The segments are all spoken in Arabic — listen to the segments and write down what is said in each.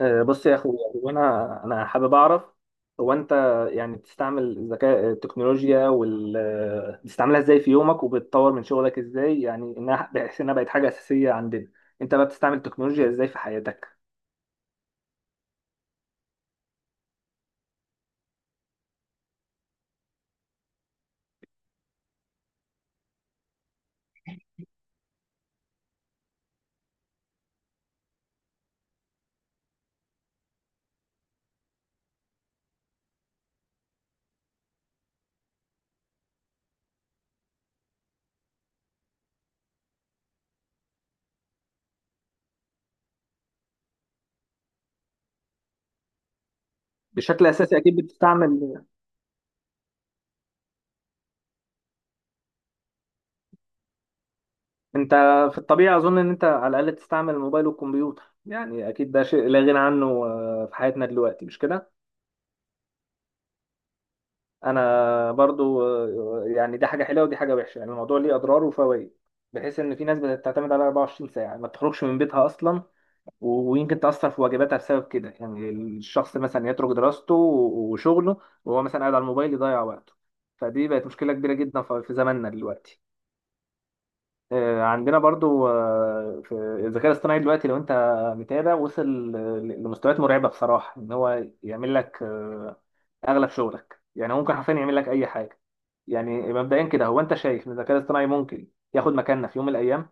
بص يا اخويا هو انا حابب اعرف هو انت. يعني بتستعمل الذكاء التكنولوجيا وال آه، بتستعملها ازاي في يومك وبتطور من شغلك ازاي، يعني انها بحيث انها بقت حاجه اساسيه عندنا. انت بقى بتستعمل التكنولوجيا ازاي في حياتك؟ بشكل اساسي اكيد بتستعمل انت. في الطبيعه اظن ان انت على الاقل بتستعمل الموبايل والكمبيوتر، يعني اكيد ده شيء لا غنى عنه في حياتنا دلوقتي، مش كده؟ انا برضو، يعني دي حاجه حلوه ودي حاجه وحشه، يعني الموضوع ليه اضرار وفوائد. بحيث ان في ناس بتعتمد على 24 ساعه، يعني ما بتخرجش من بيتها اصلا ويمكن تاثر في واجباتها بسبب كده. يعني الشخص مثلا يترك دراسته وشغله وهو مثلا قاعد على الموبايل يضيع وقته. فدي بقت مشكله كبيره جدا في زماننا دلوقتي. عندنا برضو، في الذكاء الاصطناعي دلوقتي، لو انت متابع، وصل لمستويات مرعبه بصراحه، ان هو يعمل لك اغلب شغلك. يعني هو ممكن حرفيا يعمل لك اي حاجه. يعني مبدئيا كده، هو انت شايف ان الذكاء الاصطناعي ممكن ياخد مكاننا في يوم من الايام؟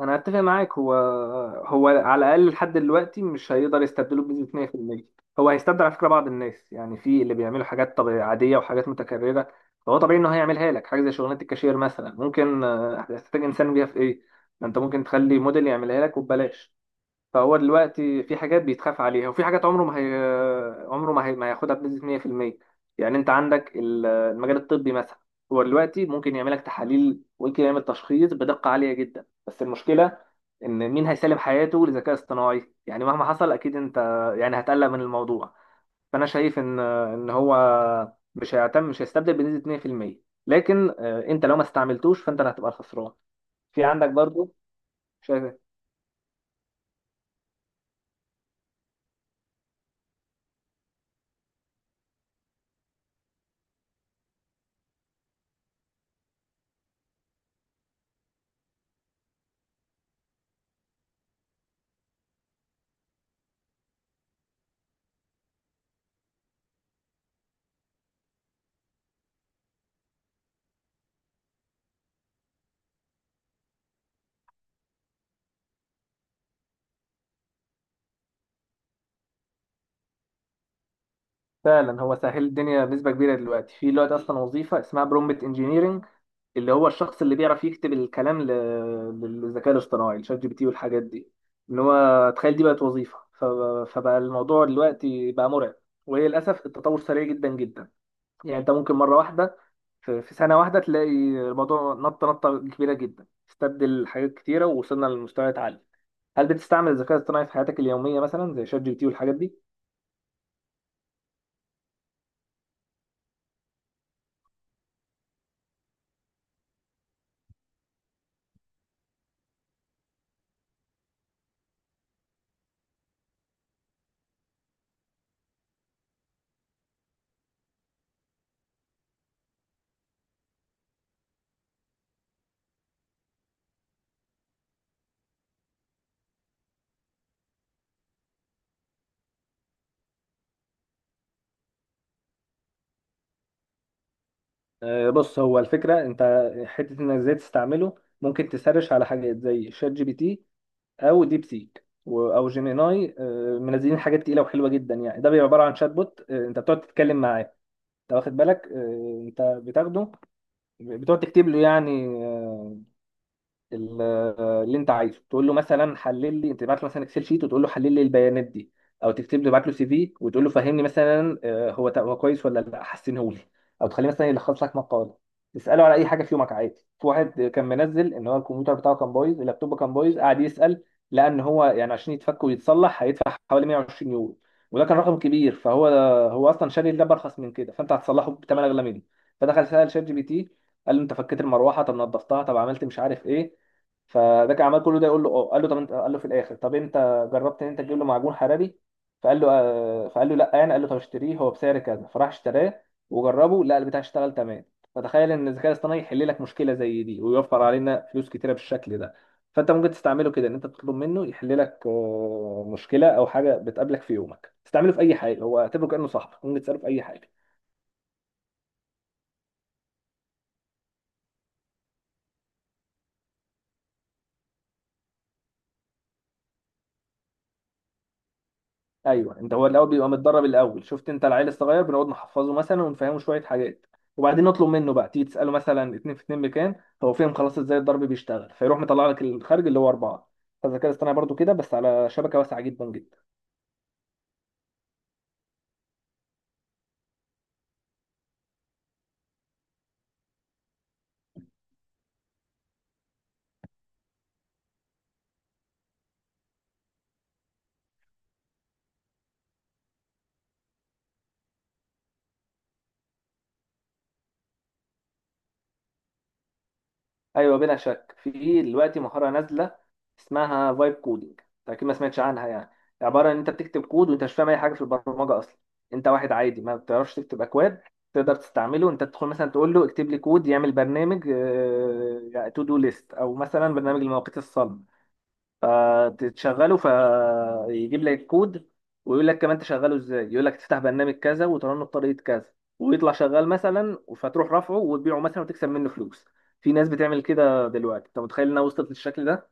انا اتفق معاك. هو على الاقل لحد دلوقتي مش هيقدر يستبدله بنسبه 100%. هو هيستبدل على فكره بعض الناس، يعني في اللي بيعملوا حاجات طبيعية عاديه وحاجات متكرره، فهو طبيعي انه هيعملها لك. حاجه زي شغلانه الكاشير مثلا، ممكن هتحتاج انسان بيها في ايه؟ ما انت ممكن تخلي موديل يعملها لك وببلاش. فهو دلوقتي في حاجات بيتخاف عليها وفي حاجات عمره ما هي... عمره ما, هي... ما هياخدها بنسبة 100%. يعني انت عندك المجال الطبي مثلا، هو دلوقتي ممكن يعمل لك تحاليل وممكن يعمل تشخيص بدقة عالية جدا، بس المشكلة ان مين هيسلم حياته للذكاء الاصطناعي؟ يعني مهما حصل اكيد انت يعني هتقلق من الموضوع. فانا شايف ان هو مش هيستبدل بنسبة 2%، لكن انت لو ما استعملتوش فانت اللي هتبقى الخسران. في عندك برضو شايف. فعلا هو سهل الدنيا بنسبة كبيرة دلوقتي. في دلوقتي أصلا وظيفة اسمها برومبت انجينيرنج، اللي هو الشخص اللي بيعرف يكتب الكلام للذكاء الاصطناعي، الشات جي بي تي والحاجات دي. إن هو تخيل، دي بقت وظيفة. فبقى الموضوع دلوقتي بقى مرعب، وهي للأسف التطور سريع جدا جدا. يعني أنت ممكن مرة واحدة في سنة واحدة تلاقي الموضوع نطة نطة كبيرة جدا، استبدل حاجات كتيرة ووصلنا لمستويات عالية. هل بتستعمل الذكاء الاصطناعي في حياتك اليومية، مثلا زي شات جي بي تي والحاجات دي؟ بص، هو الفكرة انت حتة انك ازاي تستعمله. ممكن تسرش على حاجات زي شات جي بي تي او ديب سيك او جيميناي. منزلين حاجات تقيلة وحلوة جدا. يعني ده بيبقى عبارة عن شات بوت، انت بتقعد تتكلم معاه. انت واخد بالك؟ انت بتاخده، بتقعد تكتب له يعني ال- اللي انت عايزه. تقول له مثلا حلل لي، تبعت له مثلا اكسل شيت وتقول له حلل لي البيانات دي. او تكتب له، تبعت له سي في وتقول له فهمني مثلا، هو هو كويس ولا لا، حسنه لي. او تخليه مثلا يلخص لك مقاله، تساله على اي حاجه في يومك عادي. في واحد كان منزل ان هو الكمبيوتر بتاعه كان بايظ، اللابتوب كان بايظ، قعد يسال لان هو يعني عشان يتفك ويتصلح هيدفع حوالي 120 يورو، وده كان رقم كبير. فهو اصلا شاري اللاب ارخص من كده، فانت هتصلحه بثمن اغلى منه. فدخل سال شات جي بي تي، قال له انت فكيت المروحه؟ طب نظفتها؟ طب عملت مش عارف ايه؟ فده كان عمال كل ده يقول له اه. قال له طب انت، قال له في الاخر، طب انت جربت ان انت تجيب له معجون حراري؟ فقال له آه. فقال له لا، يعني قال له طب اشتريه هو بسعر كذا. فراح اشتراه وجربه، لا، البتاع اشتغل تمام. فتخيل ان الذكاء الاصطناعي يحل لك مشكله زي دي ويوفر علينا فلوس كتيره بالشكل ده. فانت ممكن تستعمله كده، ان انت تطلب منه يحل لك مشكله او حاجه بتقابلك في يومك. تستعمله في اي حاجه، هو اعتبره كانه صاحبك، ممكن تساله في اي حاجه. ايوه انت، هو الاول بيبقى متدرب الاول. شفت انت العيل الصغير، بنقعد نحفظه مثلا ونفهمه شويه حاجات، وبعدين نطلب منه بقى. تيجي تساله مثلا اتنين في اتنين، مكان هو فهم خلاص ازاي الضرب بيشتغل، فيروح مطلع لك الخارج اللي هو اربعه. فالذكاء الاصطناعي برضو كده، بس على شبكه واسعه جدا جدا. ايوه بلا شك، في دلوقتي مهاره نازله اسمها فايب كودينج، اكيد ما سمعتش عنها. يعني عباره ان انت بتكتب كود وانت مش فاهم اي حاجه في البرمجه اصلا، انت واحد عادي ما بتعرفش تكتب اكواد، تقدر تستعمله. انت تدخل مثلا تقول له اكتب لي كود يعمل برنامج تو دو ليست، او مثلا برنامج المواقيت الصلب، فتشغله فيجيب لك الكود، ويقول لك كمان تشغله ازاي، يقول لك تفتح برنامج كذا وترنه بطريقه كذا، ويطلع شغال مثلا. فتروح رافعه وتبيعه مثلا وتكسب منه فلوس. في ناس بتعمل كده دلوقتي، انت متخيل انها وصلت للشكل ده؟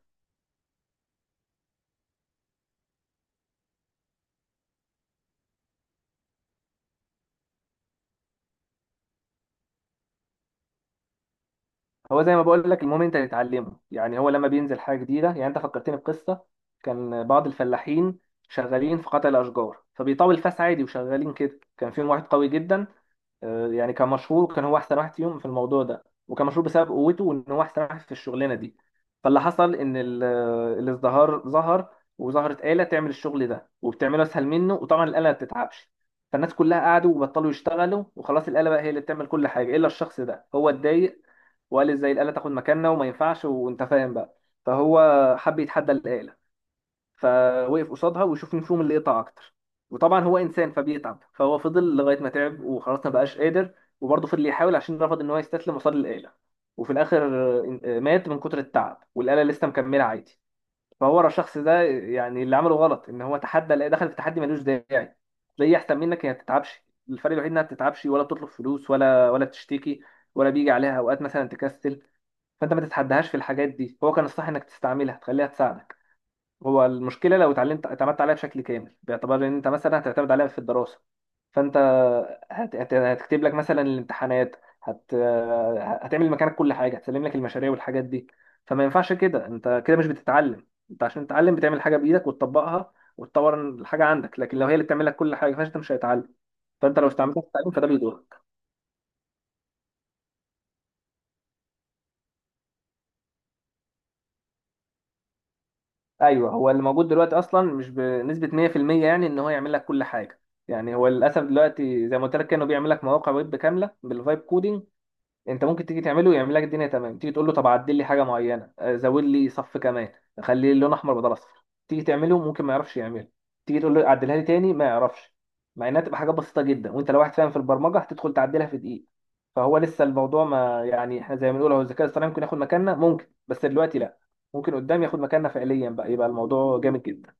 هو زي ما بقول لك، المهم انت تتعلمه، يعني هو لما بينزل حاجه جديده. يعني انت فكرتني بقصه، كان بعض الفلاحين شغالين في قطع الاشجار، فبيطاول فاس عادي وشغالين كده. كان فيهم واحد قوي جدا، يعني كان مشهور، كان هو احسن واحد فيهم في الموضوع ده، وكان مشهور بسبب قوته وان هو احسن واحد في الشغلانه دي. فاللي حصل ان الازدهار ظهر، وظهرت آلة تعمل الشغل ده وبتعمله اسهل منه، وطبعا الآلة ما بتتعبش. فالناس كلها قعدوا وبطلوا يشتغلوا وخلاص، الآلة بقى هي اللي بتعمل كل حاجه. الا الشخص ده هو اتضايق وقال ازاي الآلة تاخد مكاننا، وما ينفعش، وانت فاهم بقى. فهو حب يتحدى الآلة، فوقف قصادها ويشوف مين فيهم اللي قطع اكتر. وطبعا هو انسان فبيتعب، فهو فضل لغايه ما تعب وخلاص ما بقاش قادر، وبرضه فضل يحاول عشان رفض ان هو يستسلم قصاد الاله. وفي الاخر مات من كتر التعب، والاله لسه مكمله عادي. فهو ورا الشخص ده، يعني اللي عمله غلط ان هو تحدى الاله، دخل في تحدي ملوش داعي. زي احسن منك، هي ما بتتعبش. الفرق الوحيد انها ما بتتعبش ولا بتطلب فلوس ولا بتشتكي ولا بيجي عليها اوقات مثلا تكسل. فانت ما تتحدهاش في الحاجات دي، هو كان الصح انك تستعملها تخليها تساعدك. هو المشكله لو اتعلمت اعتمدت عليها بشكل كامل، باعتبار ان انت مثلا هتعتمد عليها في الدراسه. فانت هتكتب لك مثلا الامتحانات، هت... هتعمل مكانك كل حاجه، هتسلم لك المشاريع والحاجات دي. فما ينفعش كده، انت كده مش بتتعلم. انت عشان تتعلم بتعمل حاجه بايدك وتطبقها وتطور الحاجه عندك، لكن لو هي اللي بتعمل لك كل حاجه فانت مش هتتعلم. فانت لو استعملتها في التعليم فده بيضر. ايوه، هو اللي موجود دلوقتي اصلا مش بنسبه 100%، يعني ان هو يعمل لك كل حاجه. يعني هو للاسف دلوقتي زي ما قلت لك، كانوا بيعمل لك مواقع ويب كامله بالفايب كودينج. انت ممكن تيجي تعمله يعمل لك الدنيا تمام، تيجي تقول له طب عدل لي حاجه معينه، زود لي صف كمان، خلي اللون احمر بدل اصفر، تيجي تعمله ممكن ما يعرفش يعمله، تيجي تقول له عدلها لي تاني ما يعرفش. مع انها تبقى حاجات بسيطه جدا، وانت لو واحد فاهم في البرمجه هتدخل تعدلها في دقيقه. فهو لسه الموضوع ما يعني، احنا زي ما بنقول، هو الذكاء الاصطناعي ممكن ياخد مكاننا، ممكن، بس دلوقتي لا. ممكن قدام ياخد مكاننا فعليا، بقى يبقى الموضوع جامد جدا.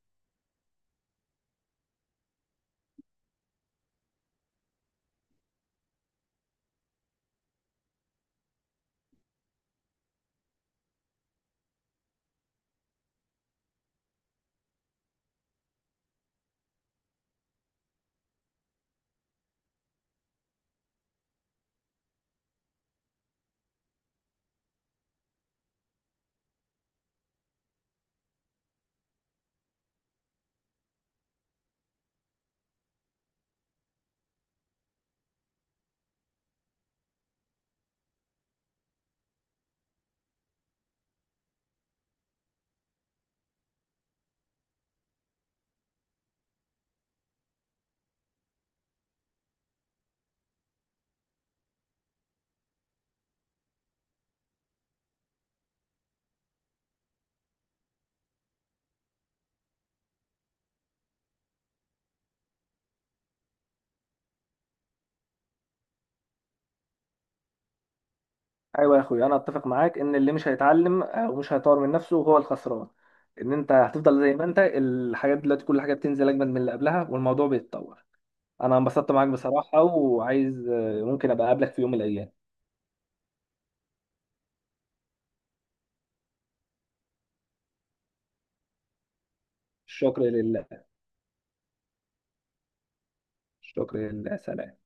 ايوه يا اخوي، انا اتفق معاك ان اللي مش هيتعلم او مش هيطور من نفسه هو الخسران. ان انت هتفضل زي ما انت، الحاجات دلوقتي كل حاجه بتنزل اجمد من اللي قبلها والموضوع بيتطور. انا انبسطت معاك بصراحه، وعايز ممكن ابقى اقابلك في يوم من الايام. الشكر لله. الشكر لله، سلام.